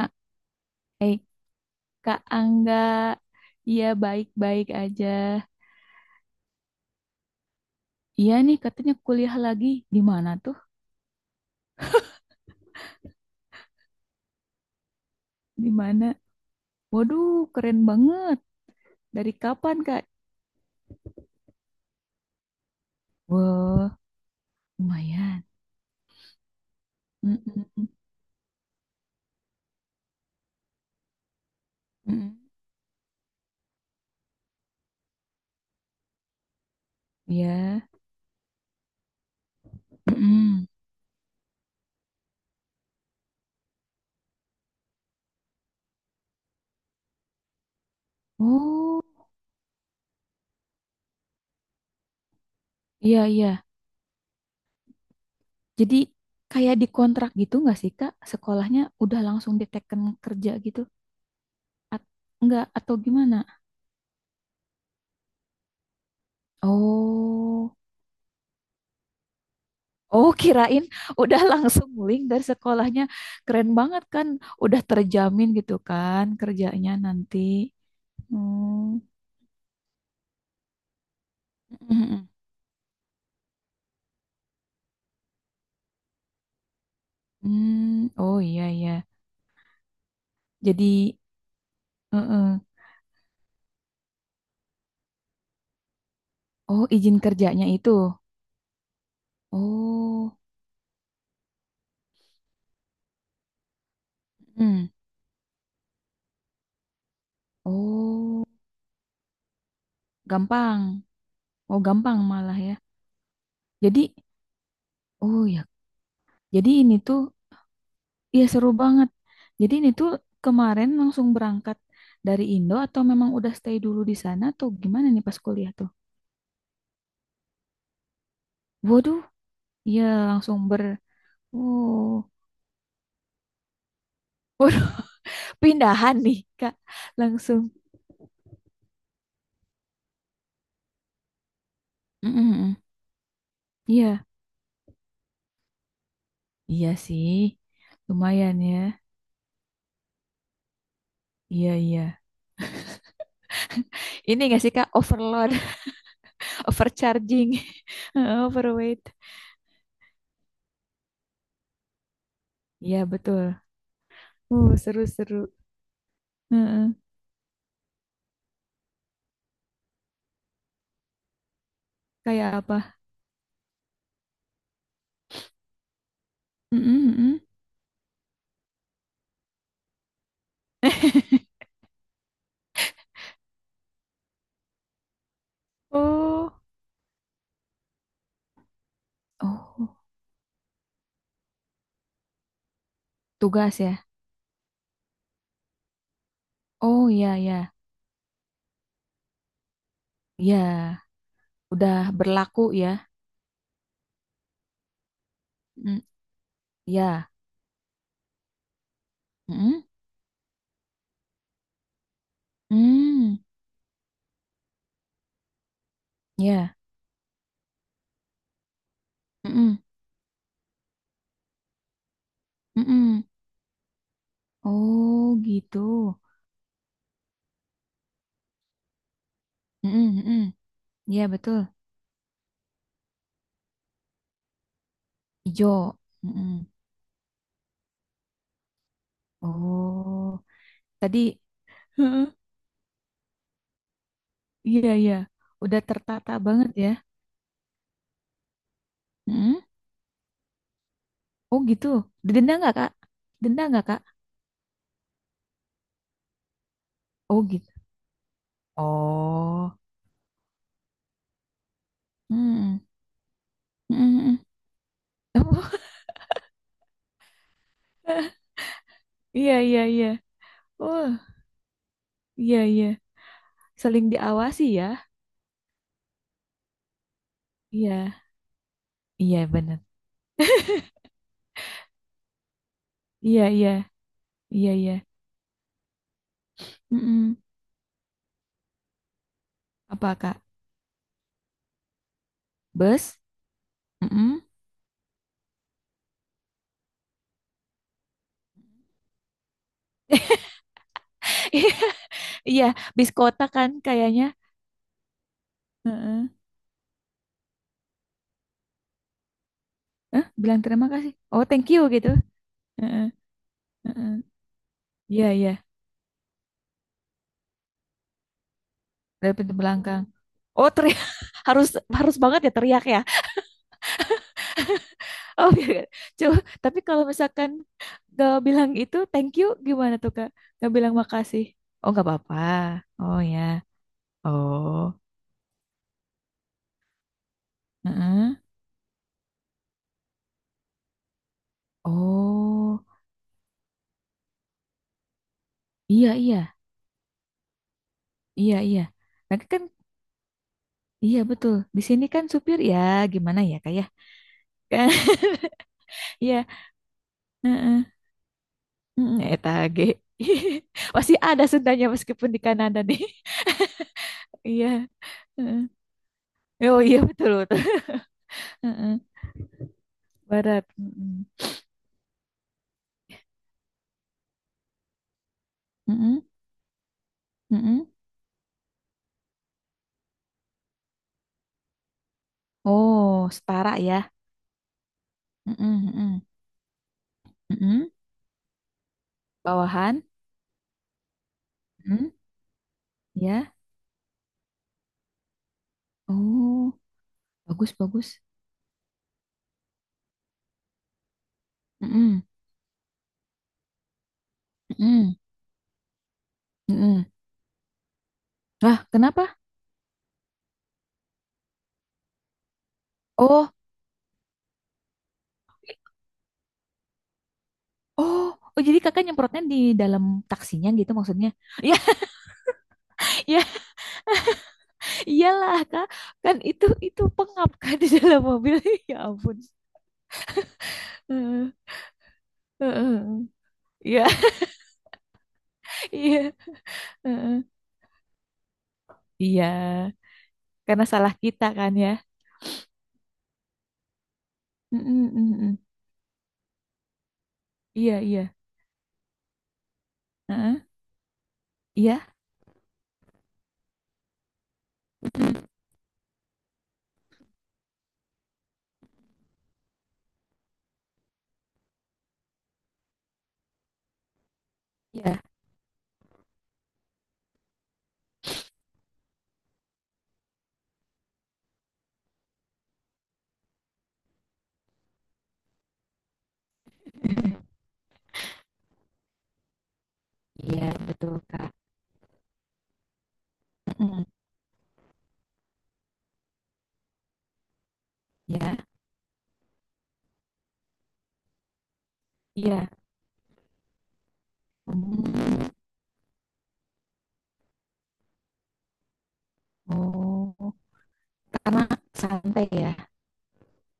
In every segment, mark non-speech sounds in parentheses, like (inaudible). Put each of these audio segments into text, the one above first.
Ah, eh, Kak Angga, iya baik-baik aja. Iya nih katanya kuliah lagi. Di mana tuh? Di mana? Waduh, keren banget. Dari kapan, Kak? Wah, lumayan. Mm-mm, mm-mm. Iya. Mm-mm. Oh, iya iya. Jadi kayak dikontrak gitu nggak sih, Kak? Sekolahnya udah langsung diteken kerja gitu? At enggak atau gimana? Oh. Oh, kirain udah langsung link dari sekolahnya. Keren banget kan, udah terjamin gitu kan kerjanya nanti. Hmm. Mm-mm. Hmm. Oh iya iya. Jadi, eh-eh. Oh izin kerjanya itu. Oh, hmm. Oh, gampang. Oh gampang malah ya. Jadi, oh ya. Jadi ini tuh, ya seru banget. Jadi ini tuh kemarin langsung berangkat dari Indo atau memang udah stay dulu di sana atau gimana nih pas kuliah tuh? Waduh, ya langsung ber, oh, (laughs) waduh, pindahan nih Kak, langsung. Mm-mm-mm. Iya, iya sih, lumayan ya. Iya iya. Ini nggak sih Kak overload, (laughs) overcharging, (laughs) overweight. Iya betul. Oh seru seru. Heeh. Kayak apa? Mm-mm-mm. (laughs) Oh, oh tugas ya. Oh iya iya iya. Udah berlaku ya. Mm, ya. Mm-mm. Mm, ya. Mm-mm. Mm-mm. Oh gitu. Mm-mm, mm-mm. Iya betul. Ijo. Mm-mm. Oh tadi. Heeh. Iya iya. Udah tertata banget ya. Mm-mm. Oh gitu. Didenda nggak kak? Denda nggak kak? Oh gitu. Oh. Mm-mm. Mm-mm, mm-mm. Oh, (laughs) iya iya iya. Oh iya iya. Saling diawasi ya. Iya iya bener. Iya iya iya iya. Mm-mm. Apa kak? Bus? Mm-mm. (laughs) Iya, bis kota kan kayaknya. Heeh. Bilang terima kasih. Oh, thank you gitu. Heeh, heeh. Iya, iya. Dari pintu belakang. Oh, teriak. (laughs) Harus harus banget ya teriak ya. Oh, biar- coba. Tapi kalau misalkan gak bilang itu thank you gimana tuh, Kak? Gak bilang makasih. Oh, gak apa-apa. Oh ya. Oh. Heeh. Oh. Iya, iya. Iya, iya. Nah, kan iya betul. Di sini kan supir ya gimana ya, Kak ya? (laughs) Iya. Heeh. Mm, Eta G. (laughs) Masih ada Sundanya meskipun di Kanada nih. (laughs) Iya. Heeh. Oh iya betul betul. Heeh. Barat. Mm-mm. Mm-mm. Mm-mm. Oh setara ya. Mm-mm. Mm-mm. Mm-mm. Bawahan. Mm-mm. Ya. Oh bagus bagus. Mm-mm. Mm-mm. Mm-mm. Wah kenapa? Oh oh oh jadi kakak nyemprotnya di dalam taksinya gitu maksudnya? (laughs) Ya ya iyalah kak kan itu pengap kan di dalam mobil. (laughs) Ya ampun. Heeh, heeh, heeh. Iya, (laughs) iya, heeh. Iya, karena salah kita kan ya. Mm-mm, mm-mm. Iya, iya, heeh, Iya, mm, iya, (laughs) iya, betul Kak. Mm-mm, Iya, iya, Mm, oh, karena santai ya,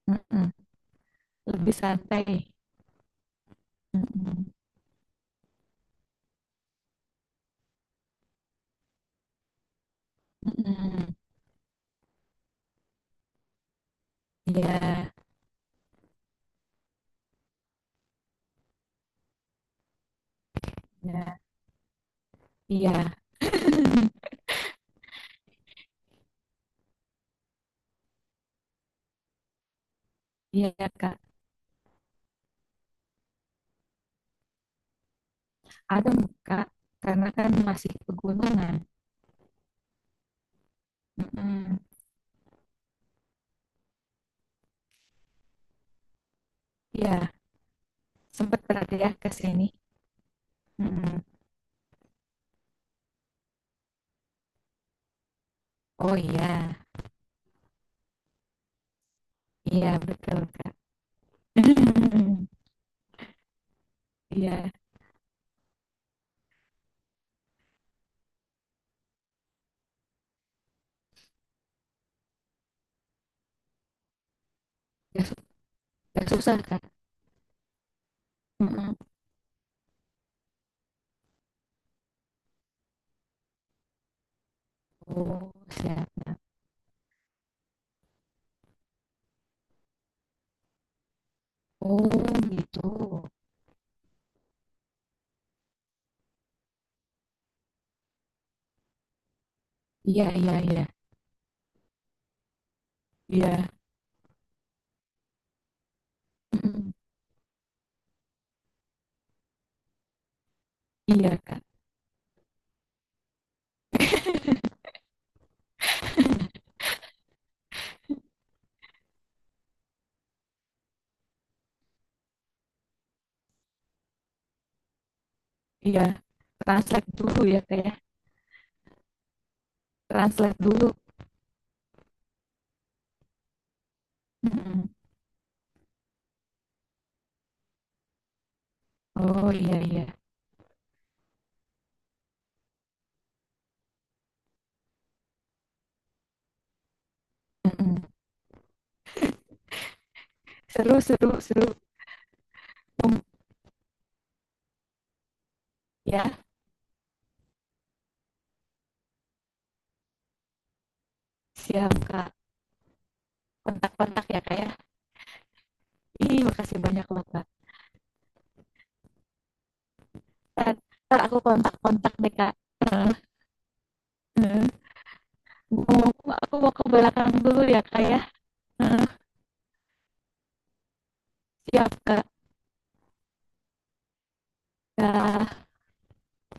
Mm-mm, lebih santai. Mm-mm, mm-mm. Iya, iya, iya, iya Kak. Ada Kak, karena kan masih pegunungan. Mm-mm, Iya, sempat berarti ya ke sini. Mhm. Oh iya, iya betul Kak. (laughs) Iya, nggak su nggak susah Kak. Mhm. Oh siap. Oh gitu. Iya iya iya, iya, mhm, iya Kak, iya. Translate dulu ya Kak ya, translate dulu, mhm. Oh iya iya, mhm. Seru seru seru, mmm, ya siap Kak, kontak-kontak ya Kak ya. Ih makasih banyak loh Kak. Entar entar aku kontak-kontak deh Kak. (laughs) Bu, aku mau ke belakang dulu ya, Kak ya. Siap, Kak. Ya.